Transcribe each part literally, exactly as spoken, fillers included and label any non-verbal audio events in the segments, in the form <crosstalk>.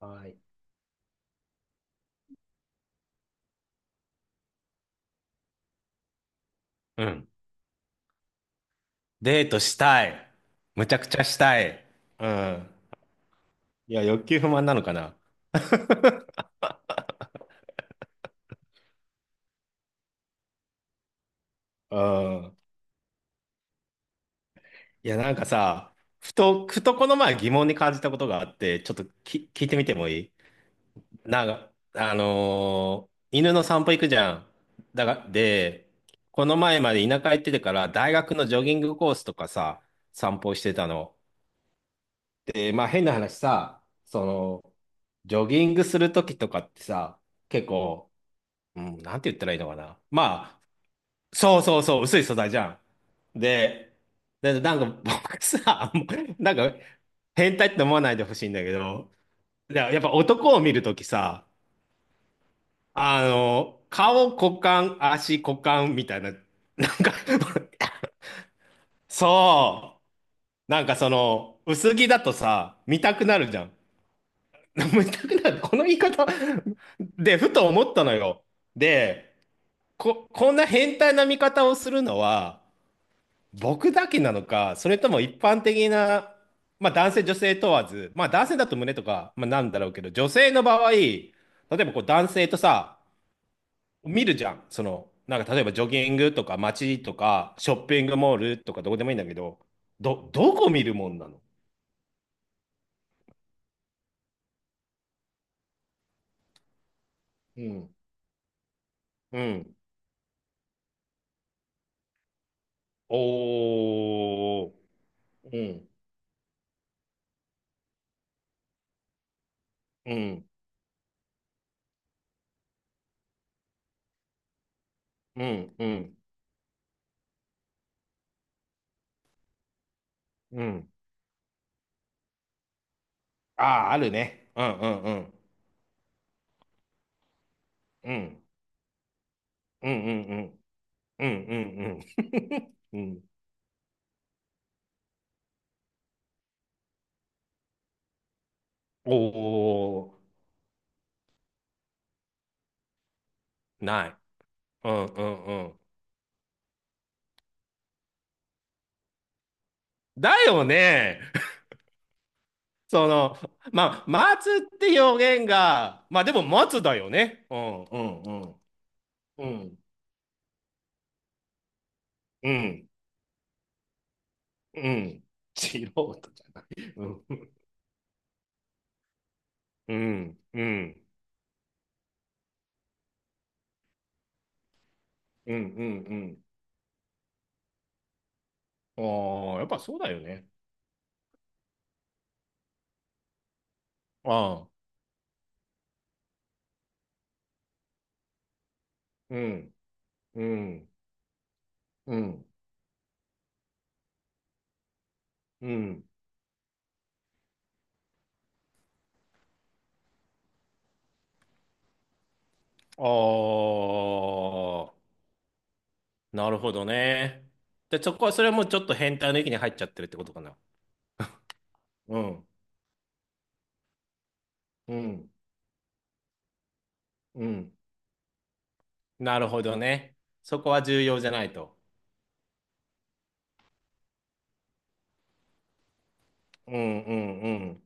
はい。うん。デートしたい。むちゃくちゃしたい。うん。いや、欲求不満なのかな。<laughs> うん。いや、なんかさ、ふと、ふとこの前疑問に感じたことがあって、ちょっとき、聞いてみてもいい？なんか、あのー犬の散歩行くじゃん。だが、で、この前まで田舎行っててから、大学のジョギングコースとかさ、散歩してたの。で、まあ変な話さ、その、ジョギングするときとかってさ、結構、うん、なんて言ったらいいのかな。まあ、そうそうそう、薄い素材じゃん。で、で、なんか僕さ、<laughs> もうなんか変態って思わないでほしいんだけど、いや、やっぱ男を見るときさ、あの、顔、股間、足、股間みたいな、なんか <laughs> そう、なんかその、薄着だとさ、見たくなるじゃん。<laughs> 見たくなる。この言い方で、ふと思ったのよ。で、こ、こんな変態な見方をするのは、僕だけなのか、それとも一般的な、まあ男性、女性問わず、まあ男性だと胸とか、まあなんだろうけど、女性の場合、例えばこう男性とさ、見るじゃん。その、なんか例えばジョギングとか街とか、ショッピングモールとかどこでもいいんだけど、ど、どこ見るもんなの？うん、うん、おー、うん、うん、うん、うん、うん。ああ、あるね。うん、うん、うん、うん、うん、うん、うん、うん、うん、うん。<laughs> うん。おお、ない。うんうんうん。だよね。<laughs> その、まあ、待つって表現が、まあでも待つだよね。うんうんうん。うん。うん。うん。素人じゃない。うん。うん。うん。うん。うんうん。ああ、やっぱそうだよね。ああ。うん。うん。うん。うん。ああ、なるほどね。で、そこは、それはもうちょっと変態の域に入っちゃってるってことかな。うん。うん、うん、なるほどね。そこは重要じゃないと。うん、うん、うん、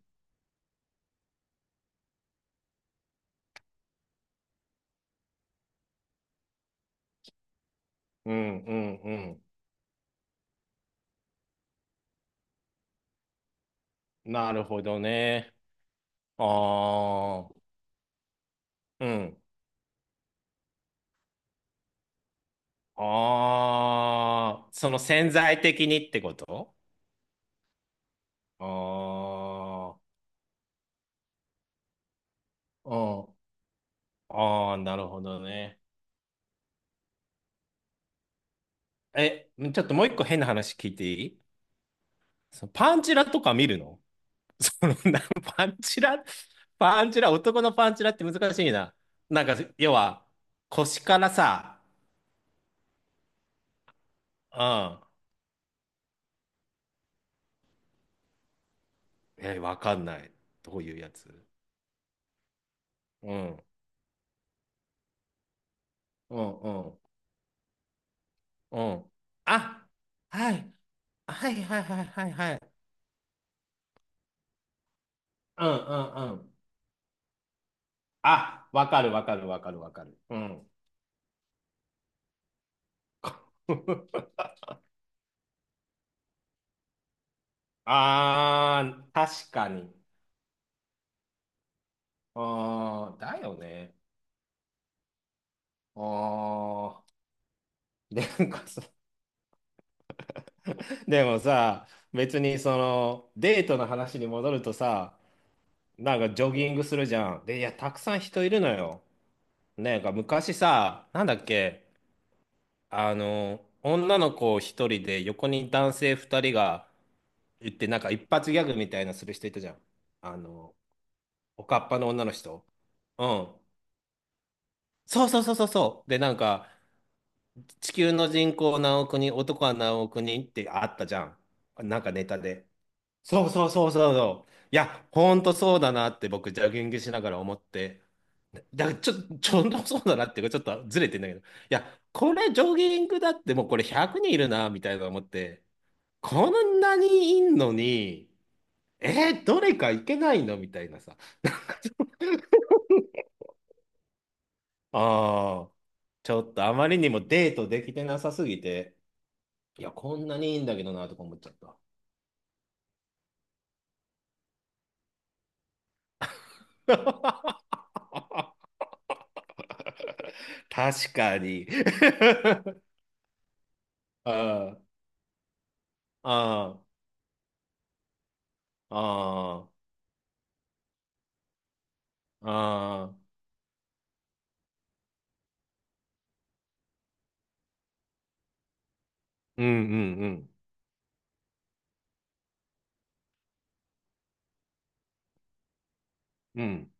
うん、うん、うん。なるほどね。ああ、うん。ああ、その潜在的にってこと？ああー、うん。ああ、なるほどね。え、ちょっともう一個変な話聞いていい？そのパンチラとか見るの？そのな、パンチラ、パンチラ、男のパンチラって難しいな。なんか、要は、腰からさ、うん。え、わかんない。どういうやつ？うん。うん、うん、うん。あ、はい。はい、はい、はい、はい、はい。うん、うん、うん。あ、わかる、わかる、わかる、わかる。うん。<laughs> あー、確かに。あー、だよね。あー、でなんかさ、でもさ、別にそのデートの話に戻るとさ、なんかジョギングするじゃん。で、いや、たくさん人いるのよ。ねなんか昔さ、なんだっけ、あの、女の子一人で横に男性二人が行って、なんか一発ギャグみたいなする人いたじゃん。あの、おかっぱの女の人。うん。そうそうそうそうそう。で、なんか、地球の人口何億人、男は何億人ってあったじゃん。なんかネタで。そうそうそうそうそう。いや、ほんとそうだなって僕、ジャギングしながら思って。だからちょ、ちょっとそうだなっていうか、ちょっとずれてんだけど。いや、これジョギングだってもうこれひゃくにんいるな、みたいな思って。こんなにいんのに、えーどれか行けないのみたいなさ。<laughs> ああ、ちょっとあまりにもデートできてなさすぎて、いや、こんなにいいんだけどな、とか思っちゃった。<laughs> 確かに。<laughs> ああ、ああ、ああ。ああ、うんうんうん。うん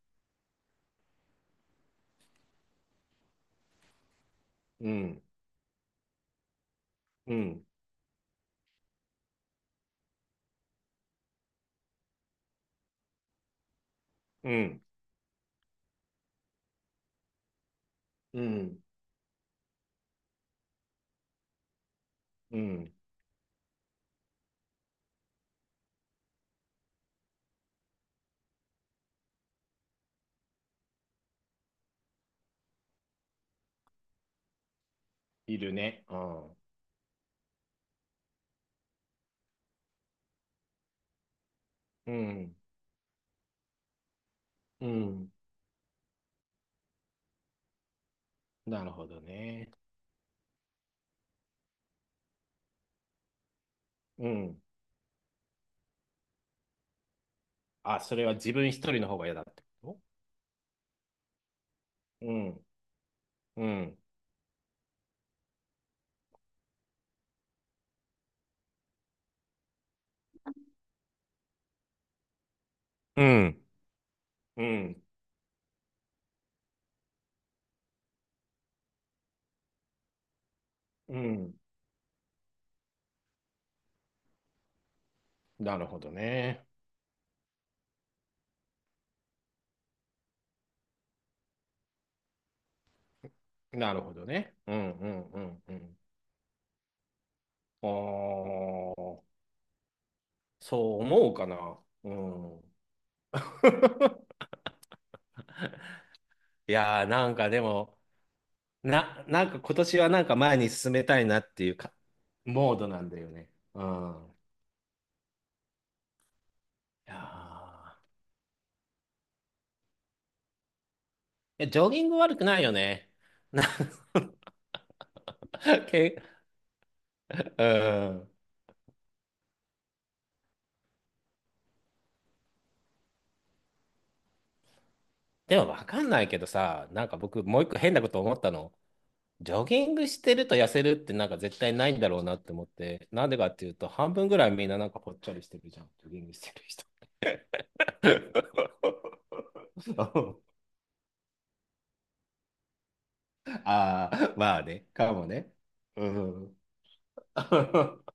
うんうんうんうんうん。いるね。うん。うんうん。なるほどね。うん。あ、それは自分一人の方が嫌だってこと？うんうんうんうんうん。なるほどね。なるほどね。うんうんうんうん。あー、そう思うかな。うん。<laughs> いやーなんかでも、な、なんか今年はなんか前に進めたいなっていうか、モードなんだよね。うん。いやー。いやジョギング悪くないよね。<laughs> なんか、け、うん。でもわかんないけどさ、なんか僕もう一個変なこと思ったの。ジョギングしてると痩せるってなんか絶対ないんだろうなって思って、なんでかっていうと半分ぐらいみんななんかぽっちゃりしてるじゃん、ジョギングしてる人。<laughs> ああ、まあね、かもね。うん。<laughs>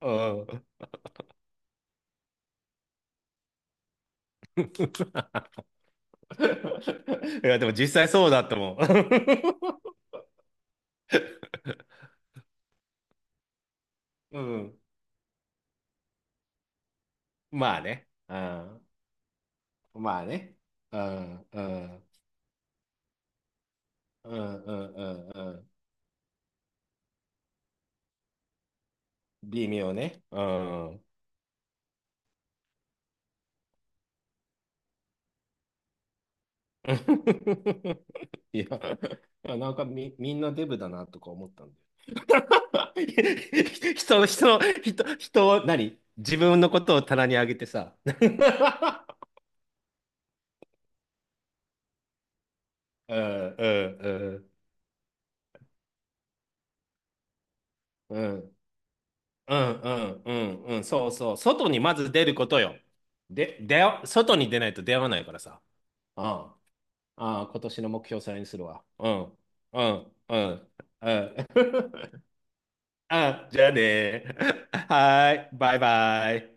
うん。<laughs> いや、でも実際そうだったもん。<laughs> うん。まあね。うん。まあね。うん。うん。うん。うん。うんうん。微妙ね。うん。<laughs> いや、いやなんかみ、みんなデブだなとか思ったんだよ。<laughs> 人の、人の、人、人を、何自分のことを棚に上げてさ。<laughs> うん、うん、うん、うん。うんうんうんうん、そうそう。外にまず出ることよ。で、出よ、外に出ないと出会わないからさ。ああ、ああ、今年の目標それにするわ。うん、うん、うん、うん。<laughs> あ、じゃあね。はーい、バイバイ。